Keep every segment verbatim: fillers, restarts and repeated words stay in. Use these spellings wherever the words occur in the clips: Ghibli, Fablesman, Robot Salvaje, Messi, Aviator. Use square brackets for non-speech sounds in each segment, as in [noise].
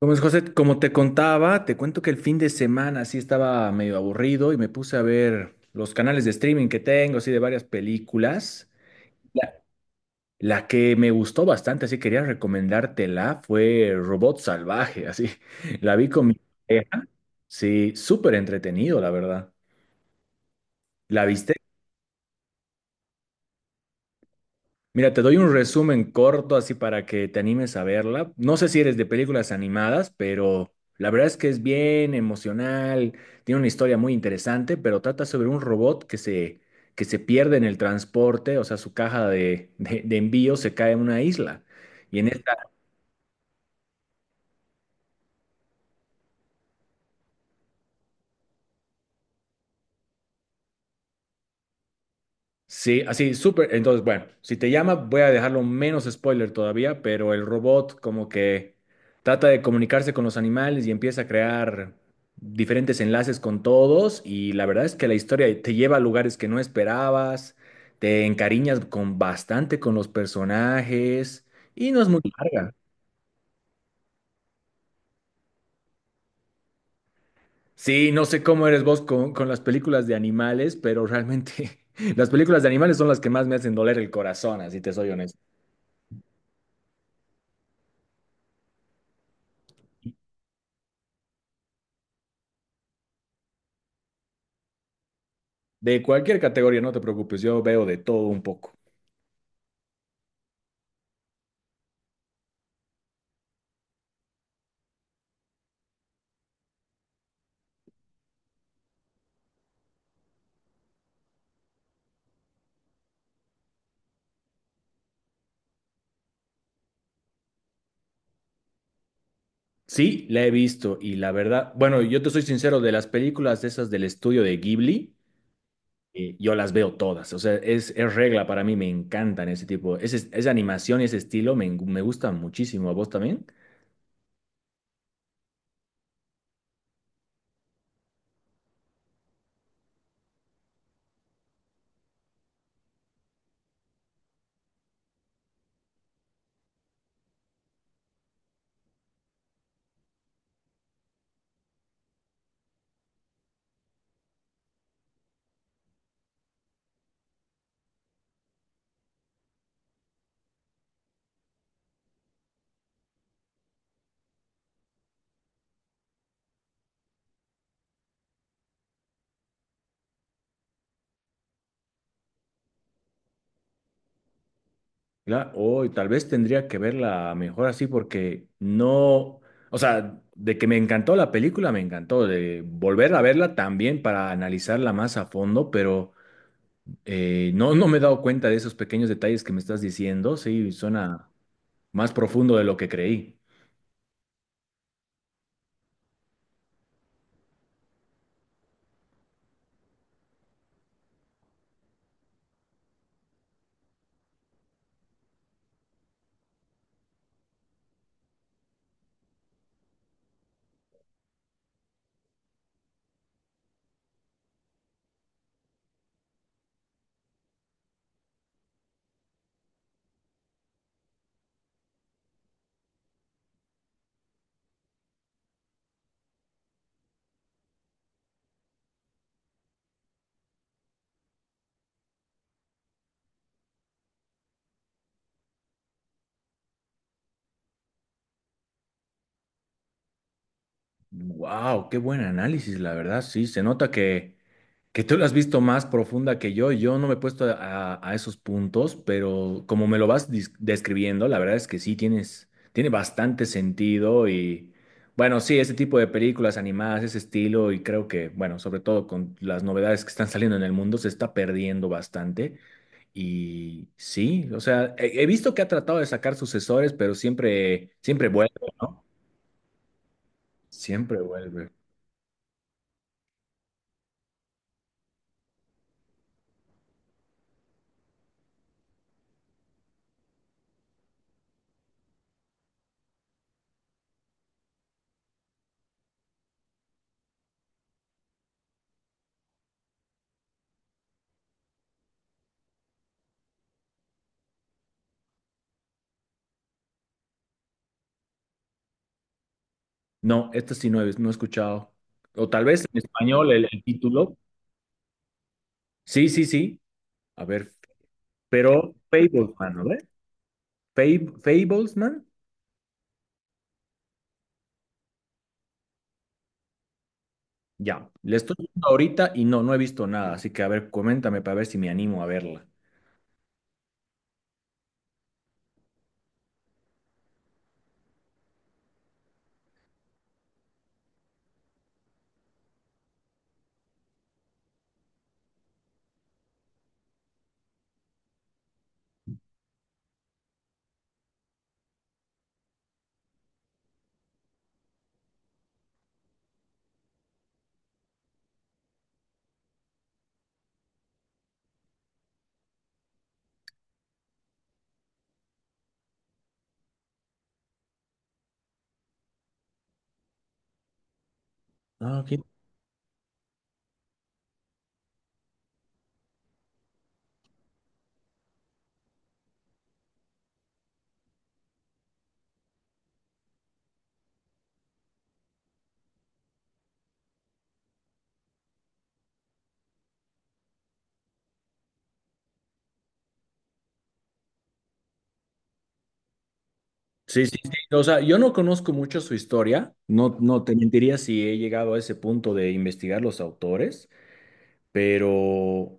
Como es, José, como te contaba, te cuento que el fin de semana sí estaba medio aburrido y me puse a ver los canales de streaming que tengo, así de varias películas. La, la que me gustó bastante, así quería recomendártela, fue Robot Salvaje, así. [laughs] La vi con mi pareja, sí, súper entretenido, la verdad. ¿La viste? Mira, te doy un resumen corto así para que te animes a verla. No sé si eres de películas animadas, pero la verdad es que es bien emocional, tiene una historia muy interesante, pero trata sobre un robot que se, que se pierde en el transporte, o sea, su caja de, de, de envío se cae en una isla. Y en esta sí, así, súper. Entonces, bueno, si te llama, voy a dejarlo menos spoiler todavía, pero el robot como que trata de comunicarse con los animales y empieza a crear diferentes enlaces con todos y la verdad es que la historia te lleva a lugares que no esperabas, te encariñas con bastante con los personajes y no es muy larga. Sí, no sé cómo eres vos con, con las películas de animales, pero realmente [laughs] las películas de animales son las que más me hacen doler el corazón, así te soy honesto. De cualquier categoría, no te preocupes, yo veo de todo un poco. Sí, la he visto y la verdad, bueno, yo te soy sincero, de las películas de esas del estudio de Ghibli, eh, yo las veo todas, o sea, es, es regla para mí, me encantan ese tipo, ese, esa animación y ese estilo me, en- me gusta muchísimo, ¿a vos también? Claro, o tal vez tendría que verla mejor así porque no, o sea, de que me encantó la película, me encantó, de volver a verla también para analizarla más a fondo, pero... Eh, no, no me he dado cuenta de esos pequeños detalles que me estás diciendo. Sí, suena más profundo de lo que creí. Wow, qué buen análisis, la verdad. Sí, se nota que, Que tú lo has visto más profunda que yo, yo no me he puesto a, a esos puntos, pero como me lo vas dis- describiendo, la verdad es que sí, tienes, tiene bastante sentido y bueno, sí, ese tipo de películas animadas, ese estilo y creo que, bueno, sobre todo con las novedades que están saliendo en el mundo, se está perdiendo bastante y sí, o sea, he, he visto que ha tratado de sacar sucesores, pero siempre, siempre vuelve, ¿no? Siempre vuelve. No, esta sí no he, no he escuchado. O tal vez en español el el título. Sí, sí, sí. A ver, pero Fablesman, a ver. Fab- Fablesman, ya. Le estoy viendo ahorita y no, no he visto nada. Así que, a ver, coméntame para ver si me animo a verla. Ah, ok. Sí, sí, sí. O sea, yo no conozco mucho su historia. No, no te mentiría si he llegado a ese punto de investigar los autores. Pero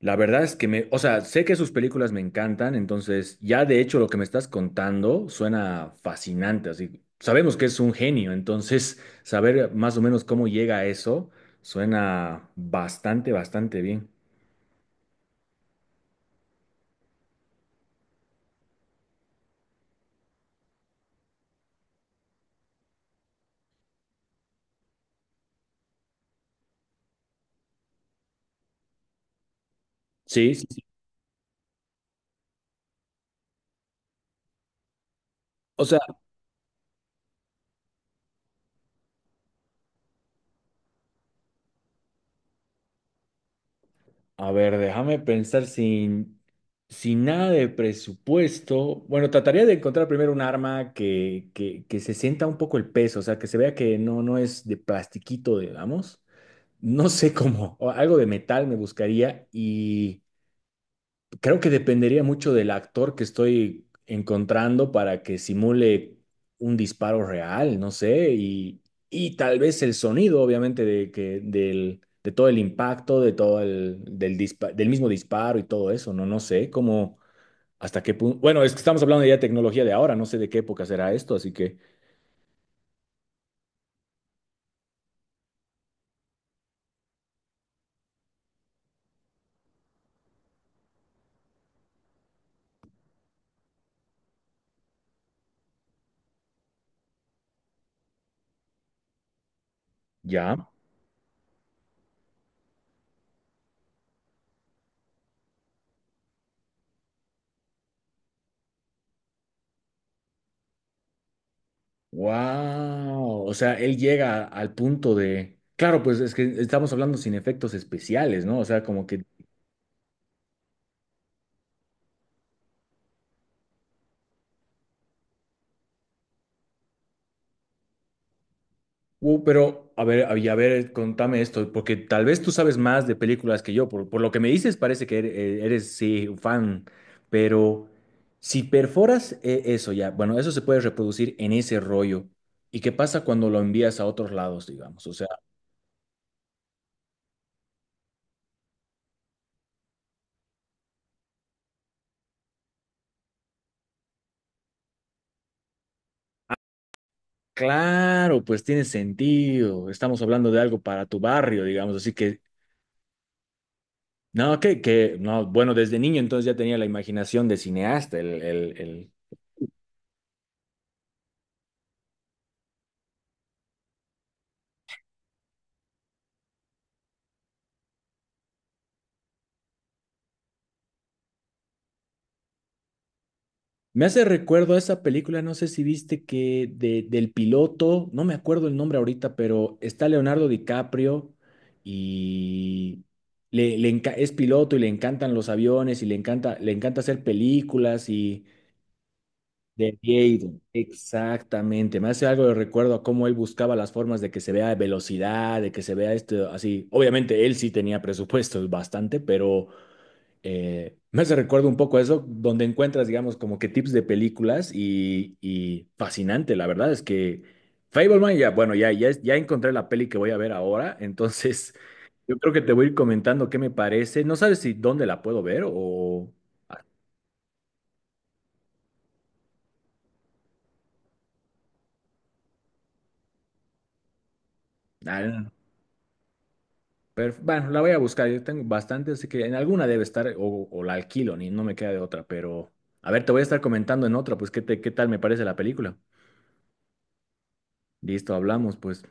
la verdad es que me, o sea, sé que sus películas me encantan, entonces ya de hecho lo que me estás contando suena fascinante, así sabemos que es un genio, entonces saber más o menos cómo llega a eso suena bastante, bastante bien. Sí, sí, sí. O sea, a ver, déjame pensar sin, sin nada de presupuesto. Bueno, trataría de encontrar primero un arma que, que, que se sienta un poco el peso, o sea, que se vea que no, no es de plastiquito, digamos. No sé cómo, o algo de metal me buscaría y creo que dependería mucho del actor que estoy encontrando para que simule un disparo real, no sé, y, y tal vez el sonido, obviamente, de, que, del, de todo el impacto, de todo el, del, dispa- del mismo disparo y todo eso, no, no sé cómo, hasta qué punto, bueno, es que estamos hablando ya de tecnología de ahora, no sé de qué época será esto, así que ya. Wow, o sea, él llega al punto de, claro, pues es que estamos hablando sin efectos especiales, ¿no? O sea, como que, uh, pero a ver, y a ver, contame esto, porque tal vez tú sabes más de películas que yo, por, por lo que me dices parece que eres, eh, eres, sí, un fan, pero si perforas eh, eso ya, bueno, eso se puede reproducir en ese rollo. ¿Y qué pasa cuando lo envías a otros lados, digamos? O sea, claro, pues tiene sentido, estamos hablando de algo para tu barrio, digamos, así que no, que, que, no, bueno, desde niño entonces ya tenía la imaginación de cineasta. El, el, el... Me hace recuerdo a esa película, no sé si viste que de, del piloto, no me acuerdo el nombre ahorita, pero está Leonardo DiCaprio y le, le enca- es piloto y le encantan los aviones y le encanta, le encanta hacer películas y de Aviator. Exactamente, me hace algo de recuerdo a cómo él buscaba las formas de que se vea velocidad, de que se vea esto así. Obviamente él sí tenía presupuestos bastante, pero eh, me hace recuerdo un poco a eso, donde encuentras, digamos, como que tips de películas y, y fascinante, la verdad es que Fableman, ya, bueno, ya, ya, es- ya encontré la peli que voy a ver ahora, [laughs] entonces yo creo que te voy a ir comentando qué me parece. No sabes si dónde la puedo ver o... Ah, pero, bueno, la voy a buscar, yo tengo bastante, así que en alguna debe estar o, o la alquilo, ni no me queda de otra, pero a ver, te voy a estar comentando en otra, pues qué, te- qué tal me parece la película. Listo, hablamos, pues.